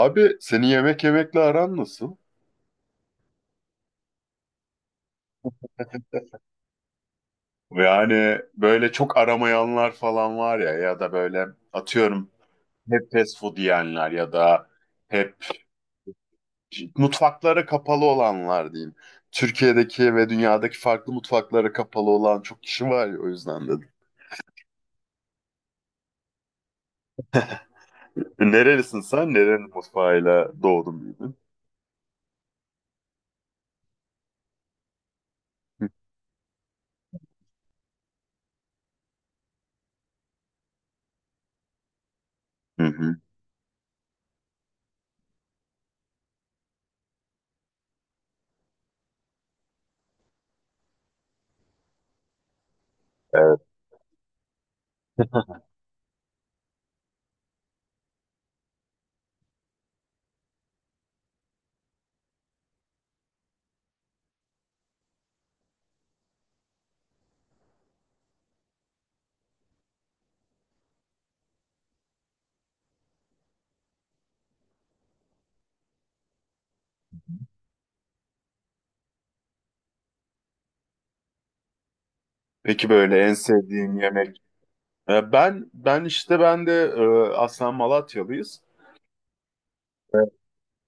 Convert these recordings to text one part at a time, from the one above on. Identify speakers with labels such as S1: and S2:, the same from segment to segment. S1: Abi seni yemek yemekle aran nasıl? Yani böyle çok aramayanlar falan var ya ya da böyle atıyorum hep fast food yiyenler ya da hep mutfaklara kapalı olanlar diyeyim. Türkiye'deki ve dünyadaki farklı mutfaklara kapalı olan çok kişi var ya o yüzden dedim. Nerelisin sen? Nerenin mutfağıyla doğdun büyüdün? Hı hı. Evet. Peki böyle en sevdiğin yemek? Ben ben işte de aslen Malatyalıyız.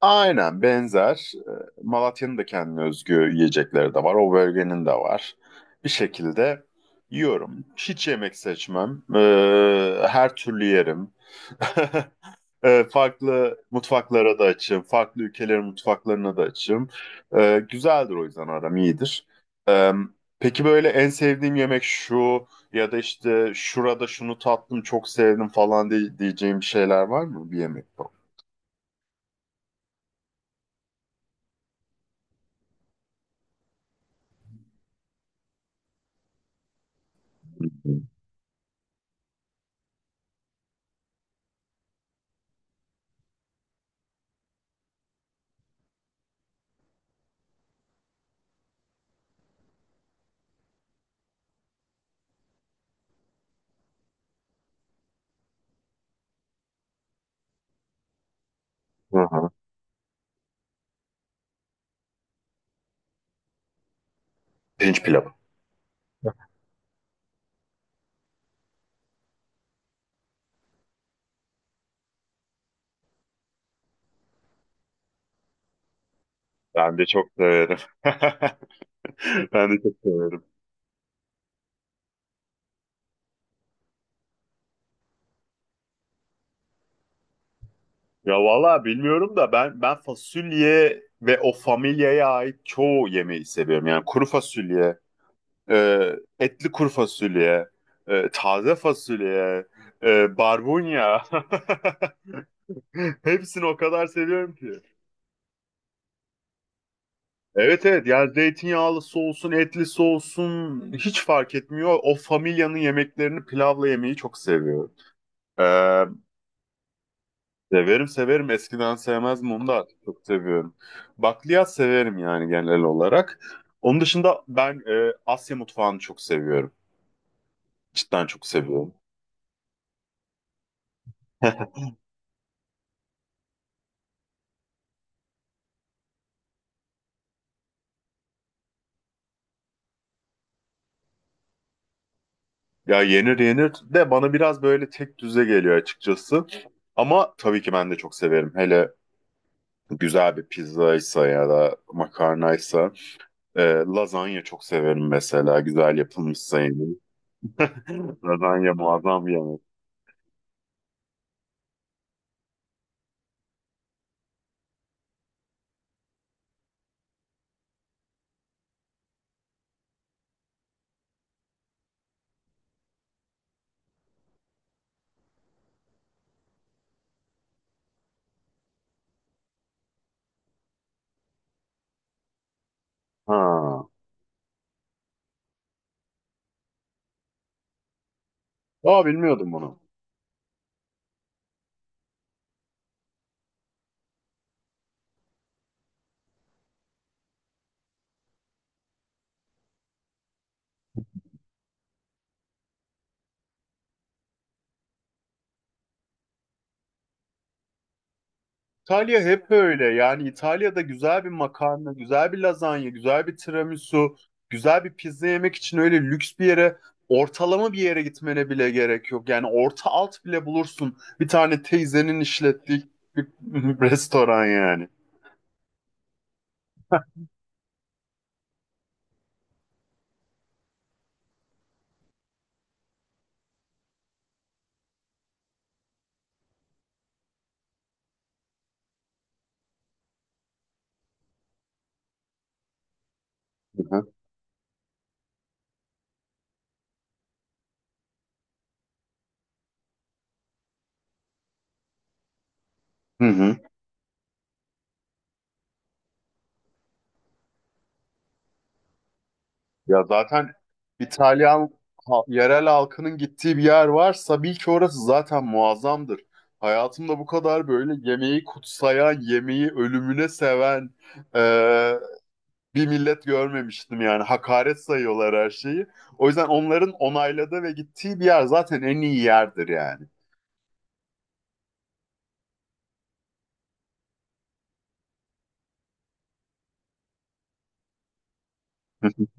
S1: Aynen benzer. Malatya'nın da kendine özgü yiyecekleri de var. O bölgenin de var. Bir şekilde yiyorum. Hiç yemek seçmem. Her türlü yerim. Farklı mutfaklara da açığım. Farklı ülkelerin mutfaklarına da açığım. Güzeldir o yüzden aram iyidir. Ee, peki böyle en sevdiğim yemek şu ya da işte şurada şunu tattım çok sevdim falan diye, diyeceğim şeyler var mı bir yemek? Hı hı. Pirinç pilavı. Ben de çok severim. Ben de çok severim. Ya vallahi bilmiyorum da ben fasulye ve o familyaya ait çoğu yemeği seviyorum. Yani kuru fasulye, e, etli kuru fasulye, taze fasulye, barbunya. Hepsini o kadar seviyorum ki. Evet, evet, yani zeytinyağlısı olsun, etlisi olsun hiç fark etmiyor. O familyanın yemeklerini pilavla yemeyi çok seviyorum. Ee, Severim severim. Eskiden sevmezdim onu da artık çok seviyorum. Bakliyat severim yani genel olarak. Onun dışında ben Asya mutfağını çok seviyorum. Cidden çok seviyorum. Ya yenir yenir de bana biraz böyle tek düze geliyor açıkçası. Ama tabii ki ben de çok severim. Hele güzel bir pizzaysa ya da makarnaysa. E, lazanya çok severim mesela. Güzel yapılmışsa yani. Lazanya muazzam bir yemek. Ha. Aa, bilmiyordum bunu. İtalya hep öyle. Yani İtalya'da güzel bir makarna, güzel bir lazanya, güzel bir tiramisu, güzel bir pizza yemek için öyle lüks bir yere, ortalama bir yere gitmene bile gerek yok. Yani orta alt bile bulursun. Bir tane teyzenin işlettiği bir restoran yani. Hı hı. Hı hı. Ya zaten İtalyan yerel halkının gittiği bir yer varsa bil ki orası zaten muazzamdır. Hayatımda bu kadar böyle yemeği kutsayan, yemeği ölümüne seven, bir millet görmemiştim yani. Hakaret sayıyorlar her şeyi. O yüzden onların onayladığı ve gittiği bir yer zaten en iyi yerdir yani.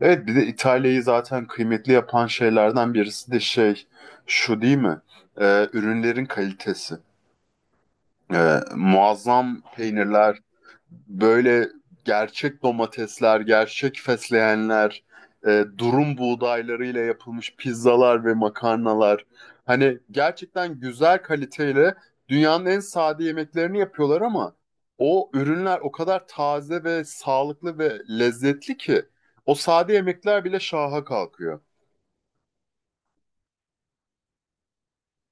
S1: Evet bir de İtalya'yı zaten kıymetli yapan şeylerden birisi de şey şu değil mi? Ürünlerin kalitesi. Muazzam peynirler, böyle gerçek domatesler, gerçek fesleğenler, durum buğdaylarıyla yapılmış pizzalar ve makarnalar. Hani gerçekten güzel kaliteyle dünyanın en sade yemeklerini yapıyorlar ama o ürünler o kadar taze ve sağlıklı ve lezzetli ki o sade yemekler bile şaha kalkıyor.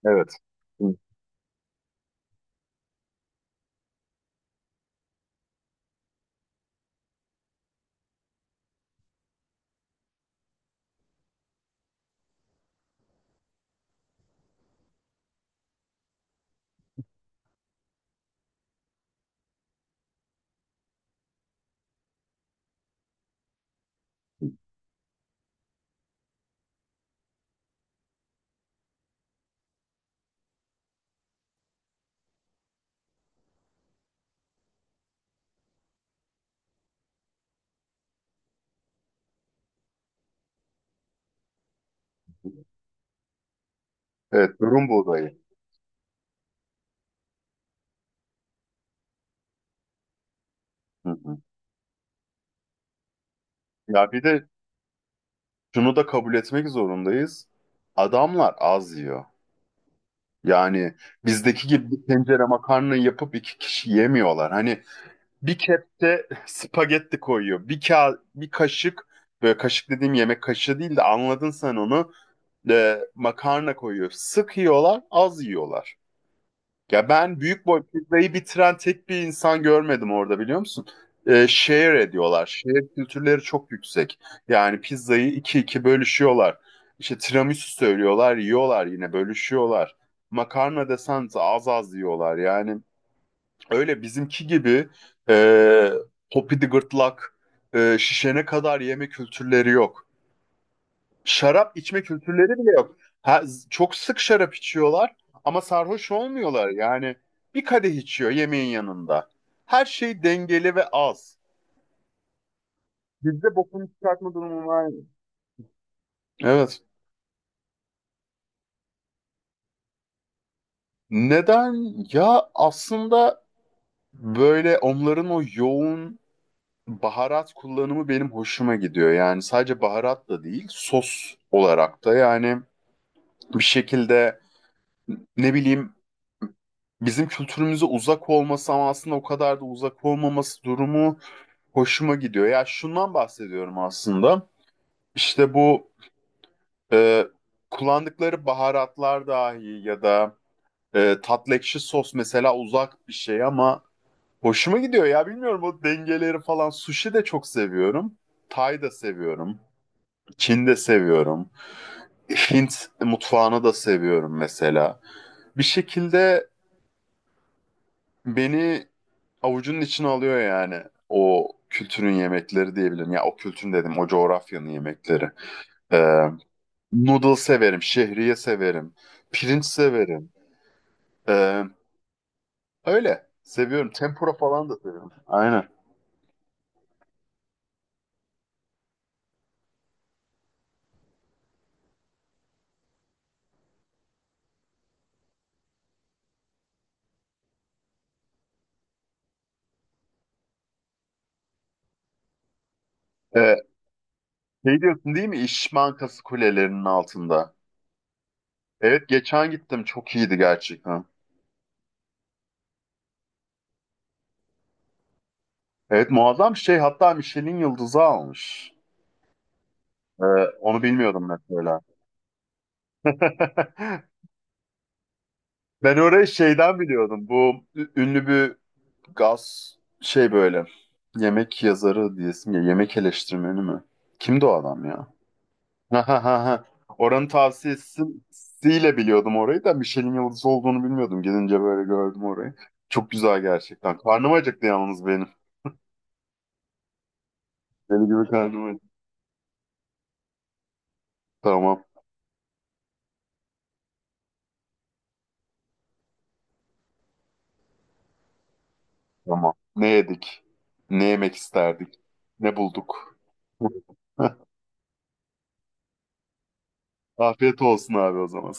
S1: Evet. Hı. Evet, durum buğdayı. Hı hı. Ya bir de şunu da kabul etmek zorundayız. Adamlar az yiyor. Yani bizdeki gibi bir tencere makarna yapıp iki kişi yemiyorlar. Hani bir kepçe spagetti koyuyor. Bir kaşık böyle kaşık dediğim yemek kaşığı değil de anladın sen onu. E, makarna koyuyor. Sık yiyorlar, az yiyorlar. Ya ben büyük boy pizzayı bitiren tek bir insan görmedim orada biliyor musun? Share ediyorlar. Share kültürleri çok yüksek. Yani pizzayı iki bölüşüyorlar. İşte tiramisu söylüyorlar, yiyorlar yine bölüşüyorlar. Makarna desen de az az yiyorlar. Yani öyle bizimki gibi e, popidi gırtlak, şişene kadar yeme kültürleri yok. Şarap içme kültürleri bile yok. Ha, çok sık şarap içiyorlar ama sarhoş olmuyorlar. Yani bir kadeh içiyor yemeğin yanında. Her şey dengeli ve az. Bizde bokunu çıkartma durumu var. Evet. Neden? Ya aslında böyle onların o yoğun baharat kullanımı benim hoşuma gidiyor. Yani sadece baharat da değil, sos olarak da yani bir şekilde ne bileyim bizim kültürümüze uzak olması ama aslında o kadar da uzak olmaması durumu hoşuma gidiyor. Ya şundan bahsediyorum aslında. İşte bu e, kullandıkları baharatlar dahi ya da tatlı ekşi sos mesela uzak bir şey ama hoşuma gidiyor ya bilmiyorum o dengeleri falan. Sushi de çok seviyorum. Tay da seviyorum. Çin de seviyorum. Hint mutfağını da seviyorum mesela. Bir şekilde beni avucunun içine alıyor yani o kültürün yemekleri diyebilirim. Ya o kültürün dedim o coğrafyanın yemekleri. Ee, noodle severim, şehriye severim, pirinç severim. Ee, öyle seviyorum. Tempura falan da severim. Aynen. Ee, şey diyorsun değil mi? İş Bankası kulelerinin altında. Evet geçen gittim çok iyiydi gerçekten. Evet muazzam bir şey hatta Michelin yıldızı almış. Ee, onu bilmiyordum mesela. Ben orayı şeyden biliyordum. Bu ünlü bir gaz şey böyle. Yemek yazarı diyesim ya. Yemek eleştirmeni mi? Kimdi o adam ya? Ha ha ha. Ha. Oranın tavsiyesiyle biliyordum orayı da Michelin yıldızı olduğunu bilmiyordum. Gidince böyle gördüm orayı. Çok güzel gerçekten. Karnım acıktı yalnız benim. Deli gibi karnım acıktı. Tamam. Tamam. Ne yedik? Ne yemek isterdik? Ne bulduk? Afiyet olsun abi o zaman.